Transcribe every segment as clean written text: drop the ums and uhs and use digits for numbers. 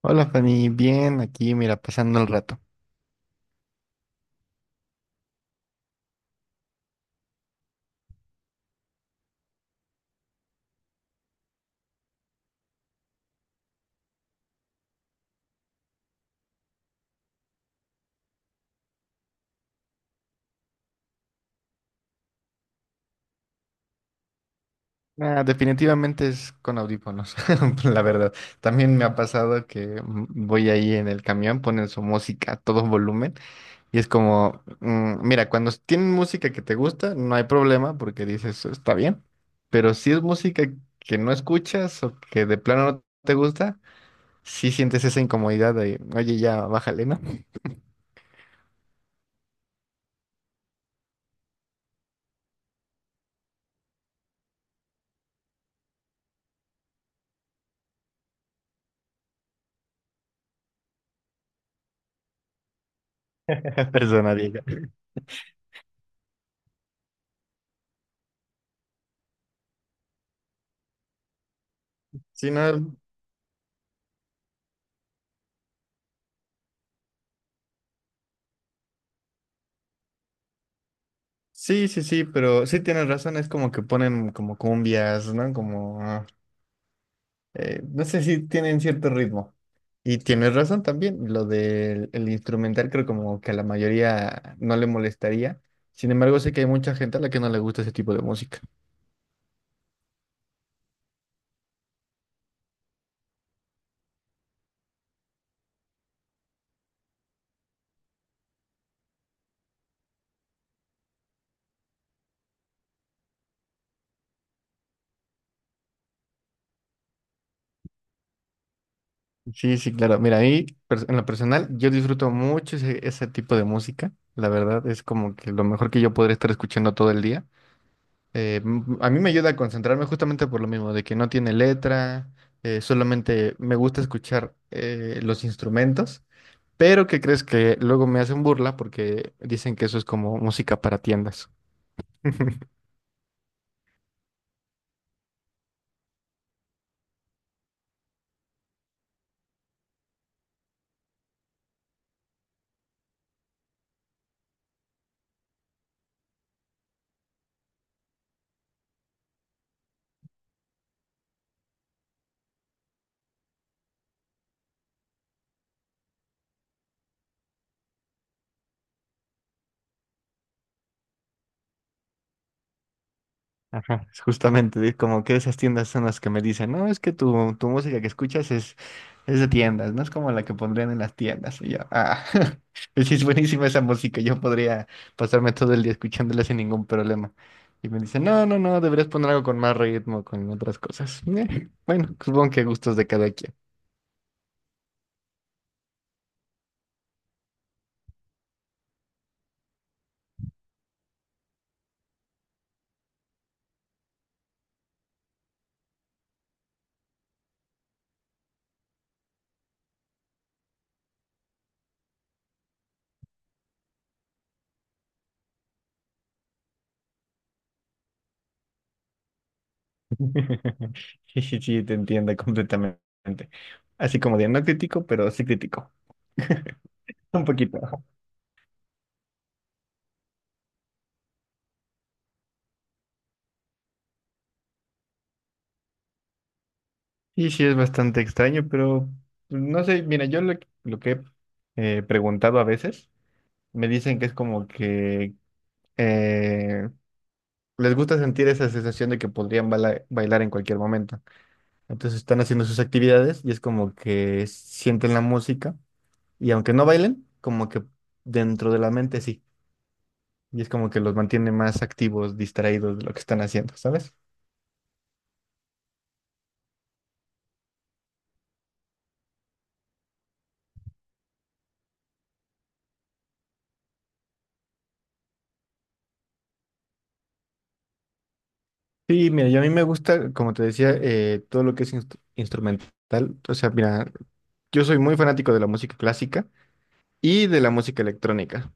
Hola Fanny, bien, aquí mira, pasando el rato. Ah, definitivamente es con audífonos, la verdad. También me ha pasado que voy ahí en el camión, ponen su música a todo volumen y es como, mira, cuando tienen música que te gusta, no hay problema porque dices, está bien, pero si es música que no escuchas o que de plano no te gusta, sí sientes esa incomodidad de, oye, ya, bájale, ¿no? Persona diga. Sí, no. Sí, sí, sí, pero sí tienes razón, es como que ponen como cumbias, ¿no? Como, no sé si tienen cierto ritmo. Y tienes razón también, lo del el instrumental creo como que a la mayoría no le molestaría. Sin embargo, sé que hay mucha gente a la que no le gusta ese tipo de música. Sí, sí, claro. Mira, en lo personal yo disfruto mucho ese tipo de música. La verdad es como que lo mejor que yo podría estar escuchando todo el día. A mí me ayuda a concentrarme justamente por lo mismo, de que no tiene letra, solamente me gusta escuchar los instrumentos, pero ¿qué crees que luego me hacen burla porque dicen que eso es como música para tiendas? Ajá, es justamente, es como que esas tiendas son las que me dicen, no, es que tu música que escuchas es de tiendas, no es como la que pondrían en las tiendas. Y yo, ah, sí, es buenísima esa música, yo podría pasarme todo el día escuchándola sin ningún problema. Y me dicen, no, no, no, deberías poner algo con más ritmo, con otras cosas. Bueno, supongo que gustos de cada quien. Sí, sí, sí, te entiendo completamente. Así como de, no critico, pero sí critico. Un poquito. Y sí, es bastante extraño, pero pues, no sé, mira, lo que he preguntado a veces, me dicen que es como que eh, les gusta sentir esa sensación de que podrían bailar en cualquier momento. Entonces están haciendo sus actividades y es como que sienten la música y aunque no bailen, como que dentro de la mente sí. Y es como que los mantiene más activos, distraídos de lo que están haciendo, ¿sabes? Sí, mira, yo a mí me gusta, como te decía, todo lo que es instrumental. O sea, mira, yo soy muy fanático de la música clásica y de la música electrónica.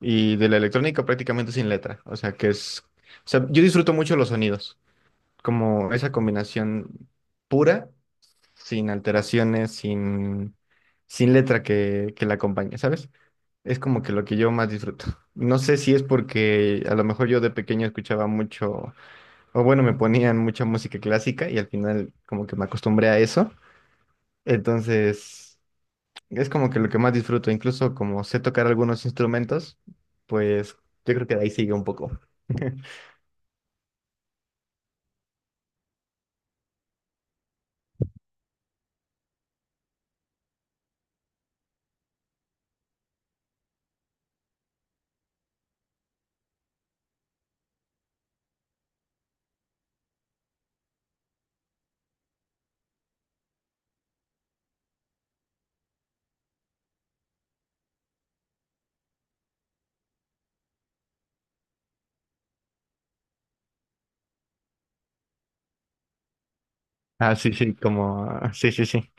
Y de la electrónica prácticamente sin letra. O sea, que es… O sea, yo disfruto mucho los sonidos, como esa combinación pura, sin alteraciones, sin letra que la acompañe, ¿sabes? Es como que lo que yo más disfruto. No sé si es porque a lo mejor yo de pequeño escuchaba mucho, o bueno, me ponían mucha música clásica y al final como que me acostumbré a eso. Entonces… es como que lo que más disfruto, incluso como sé tocar algunos instrumentos, pues yo creo que de ahí sigue un poco. Ah, sí, sí, como, sí, sí, sí.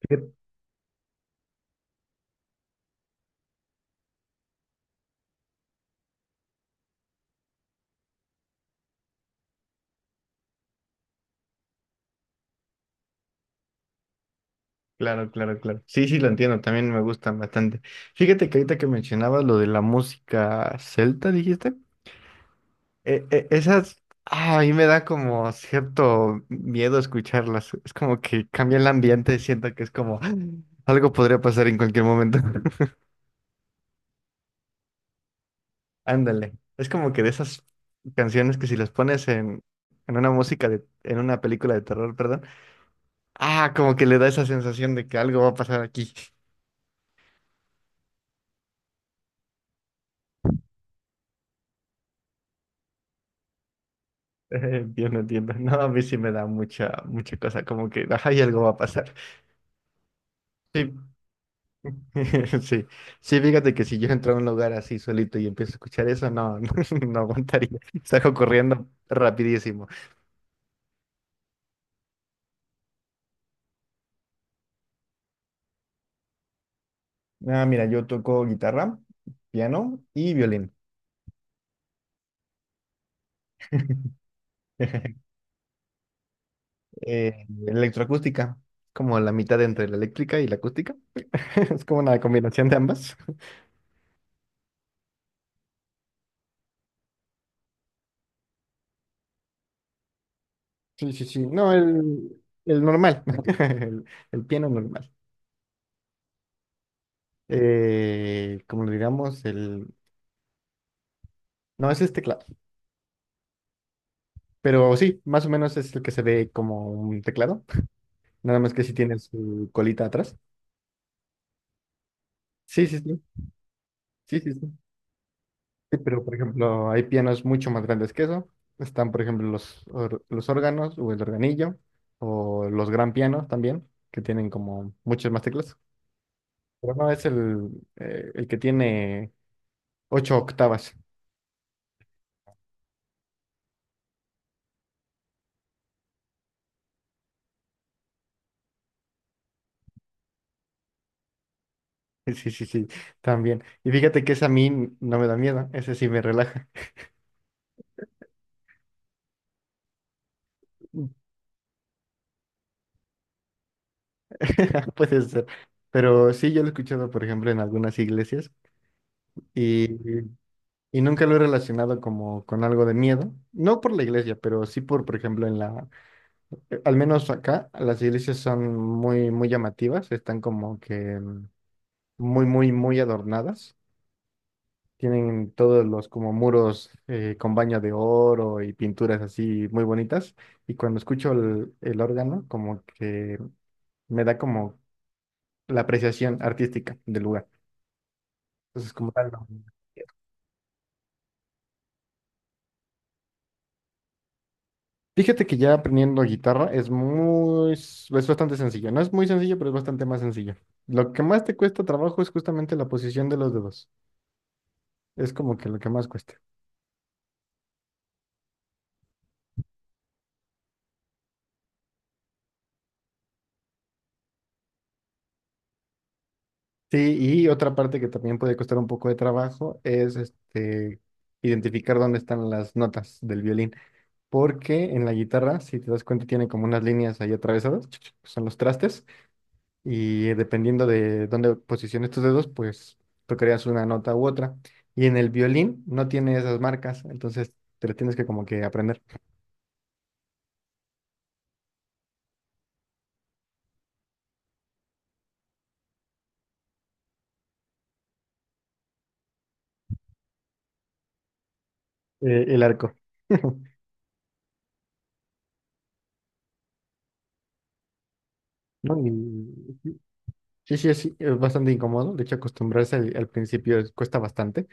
Fíjate. Claro, claro, claro. Sí, sí, lo entiendo, también me gustan bastante. Fíjate que ahorita que mencionabas lo de la música celta, dijiste, esas, ah, a mí me da como cierto miedo escucharlas. Es como que cambia el ambiente, siento que es como "Ah, algo podría pasar en cualquier momento". Ándale. Es como que de esas canciones que si las pones en una música de, en una película de terror, perdón, ah, como que le da esa sensación de que algo va a pasar aquí. Entiendo, entiendo. No, a mí sí me da mucha, mucha cosa, como que, ajá, y algo va a pasar. Sí, sí, sí, fíjate que si yo entro a un lugar así solito y empiezo a escuchar eso, no, no, no aguantaría. Salgo corriendo rapidísimo. Ah, mira, yo toco guitarra, piano y violín. Electroacústica, como la mitad entre la eléctrica y la acústica. Es como una combinación de ambas. Sí, sí, sí. No, el normal, el, el piano normal. Como le digamos, el… No, ese es teclado, pero sí, más o menos es el que se ve como un teclado, nada más que si tiene su colita atrás. Sí, sí, sí, sí, sí, sí. Sí, pero por ejemplo, hay pianos mucho más grandes que eso. Están, por ejemplo, los órganos o el organillo o los gran pianos también, que tienen como muchas más teclas. Pero no es el que tiene ocho octavas. Sí, sí, sí, también. Y fíjate que ese a mí no me da miedo, ese sí me relaja. Puede ser. Pero sí, yo lo he escuchado, por ejemplo, en algunas iglesias y, y nunca lo he relacionado como con algo de miedo. No por la iglesia, pero sí por ejemplo, en la Al menos acá las iglesias son muy, muy llamativas, están como que muy, muy, muy adornadas. Tienen todos los como muros con baño de oro y pinturas así muy bonitas. Y cuando escucho el órgano, como que me da como la apreciación artística del lugar. Entonces, como tal, no. Fíjate que ya aprendiendo guitarra es muy, es bastante sencillo. No es muy sencillo, pero es bastante más sencillo. Lo que más te cuesta trabajo es justamente la posición de los dedos. Es como que lo que más cuesta. Sí, y otra parte que también puede costar un poco de trabajo es este, identificar dónde están las notas del violín, porque en la guitarra, si te das cuenta, tiene como unas líneas ahí atravesadas, son los trastes, y dependiendo de dónde posiciones tus dedos, pues tocarías una nota u otra. Y en el violín no tiene esas marcas, entonces te lo tienes que como que aprender. El arco. ¿No? Y… sí, sí, es bastante incómodo, de hecho acostumbrarse al principio cuesta bastante.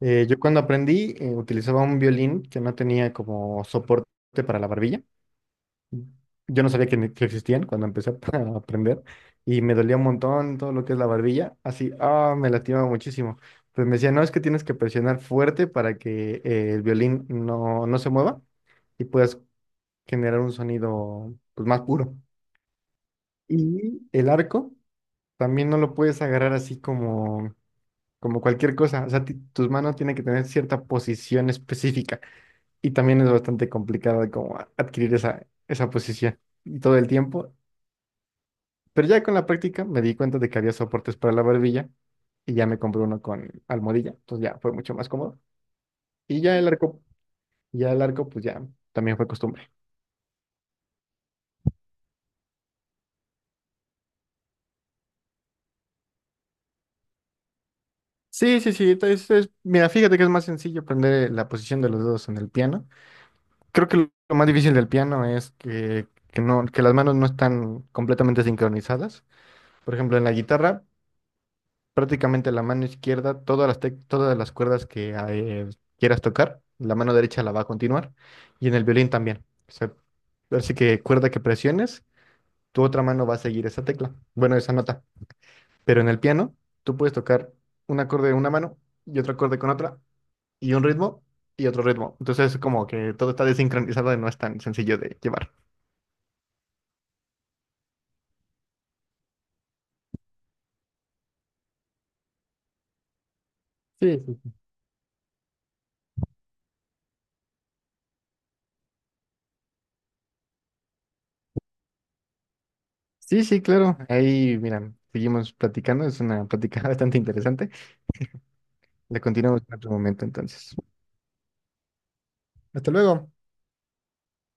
Yo cuando aprendí utilizaba un violín que no tenía como soporte para la barbilla. Yo no sabía que, que existían cuando empecé a aprender y me dolía un montón todo lo que es la barbilla. Así, ah, me lastimaba muchísimo. Pues me decía, no, es que tienes que presionar fuerte para que el violín no, no se mueva y puedas generar un sonido pues, más puro. Y el arco también no lo puedes agarrar así como, como cualquier cosa. O sea, tus manos tienen que tener cierta posición específica. Y también es bastante complicado de como adquirir esa posición y todo el tiempo. Pero ya con la práctica me di cuenta de que había soportes para la barbilla y ya me compré uno con almohadilla. Entonces ya fue mucho más cómodo. Y ya el arco, pues ya también fue costumbre. Sí, sí, sí. Mira, fíjate que es más sencillo aprender la posición de los dedos en el piano. Creo que lo más difícil del piano es que no, que las manos no están completamente sincronizadas. Por ejemplo, en la guitarra, prácticamente la mano izquierda, todas las, todas las cuerdas que quieras tocar, la mano derecha la va a continuar y en el violín también. O sea, así que cuerda que presiones, tu otra mano va a seguir esa tecla, bueno, esa nota. Pero en el piano, tú puedes tocar un acorde de una mano y otro acorde con otra y un ritmo y otro ritmo. Entonces, como que todo está desincronizado y no es tan sencillo de llevar. Sí, sí, sí. Sí, sí, claro. Ahí, miran, seguimos platicando. Es una plática bastante interesante. La continuamos en otro momento, entonces. Hasta luego.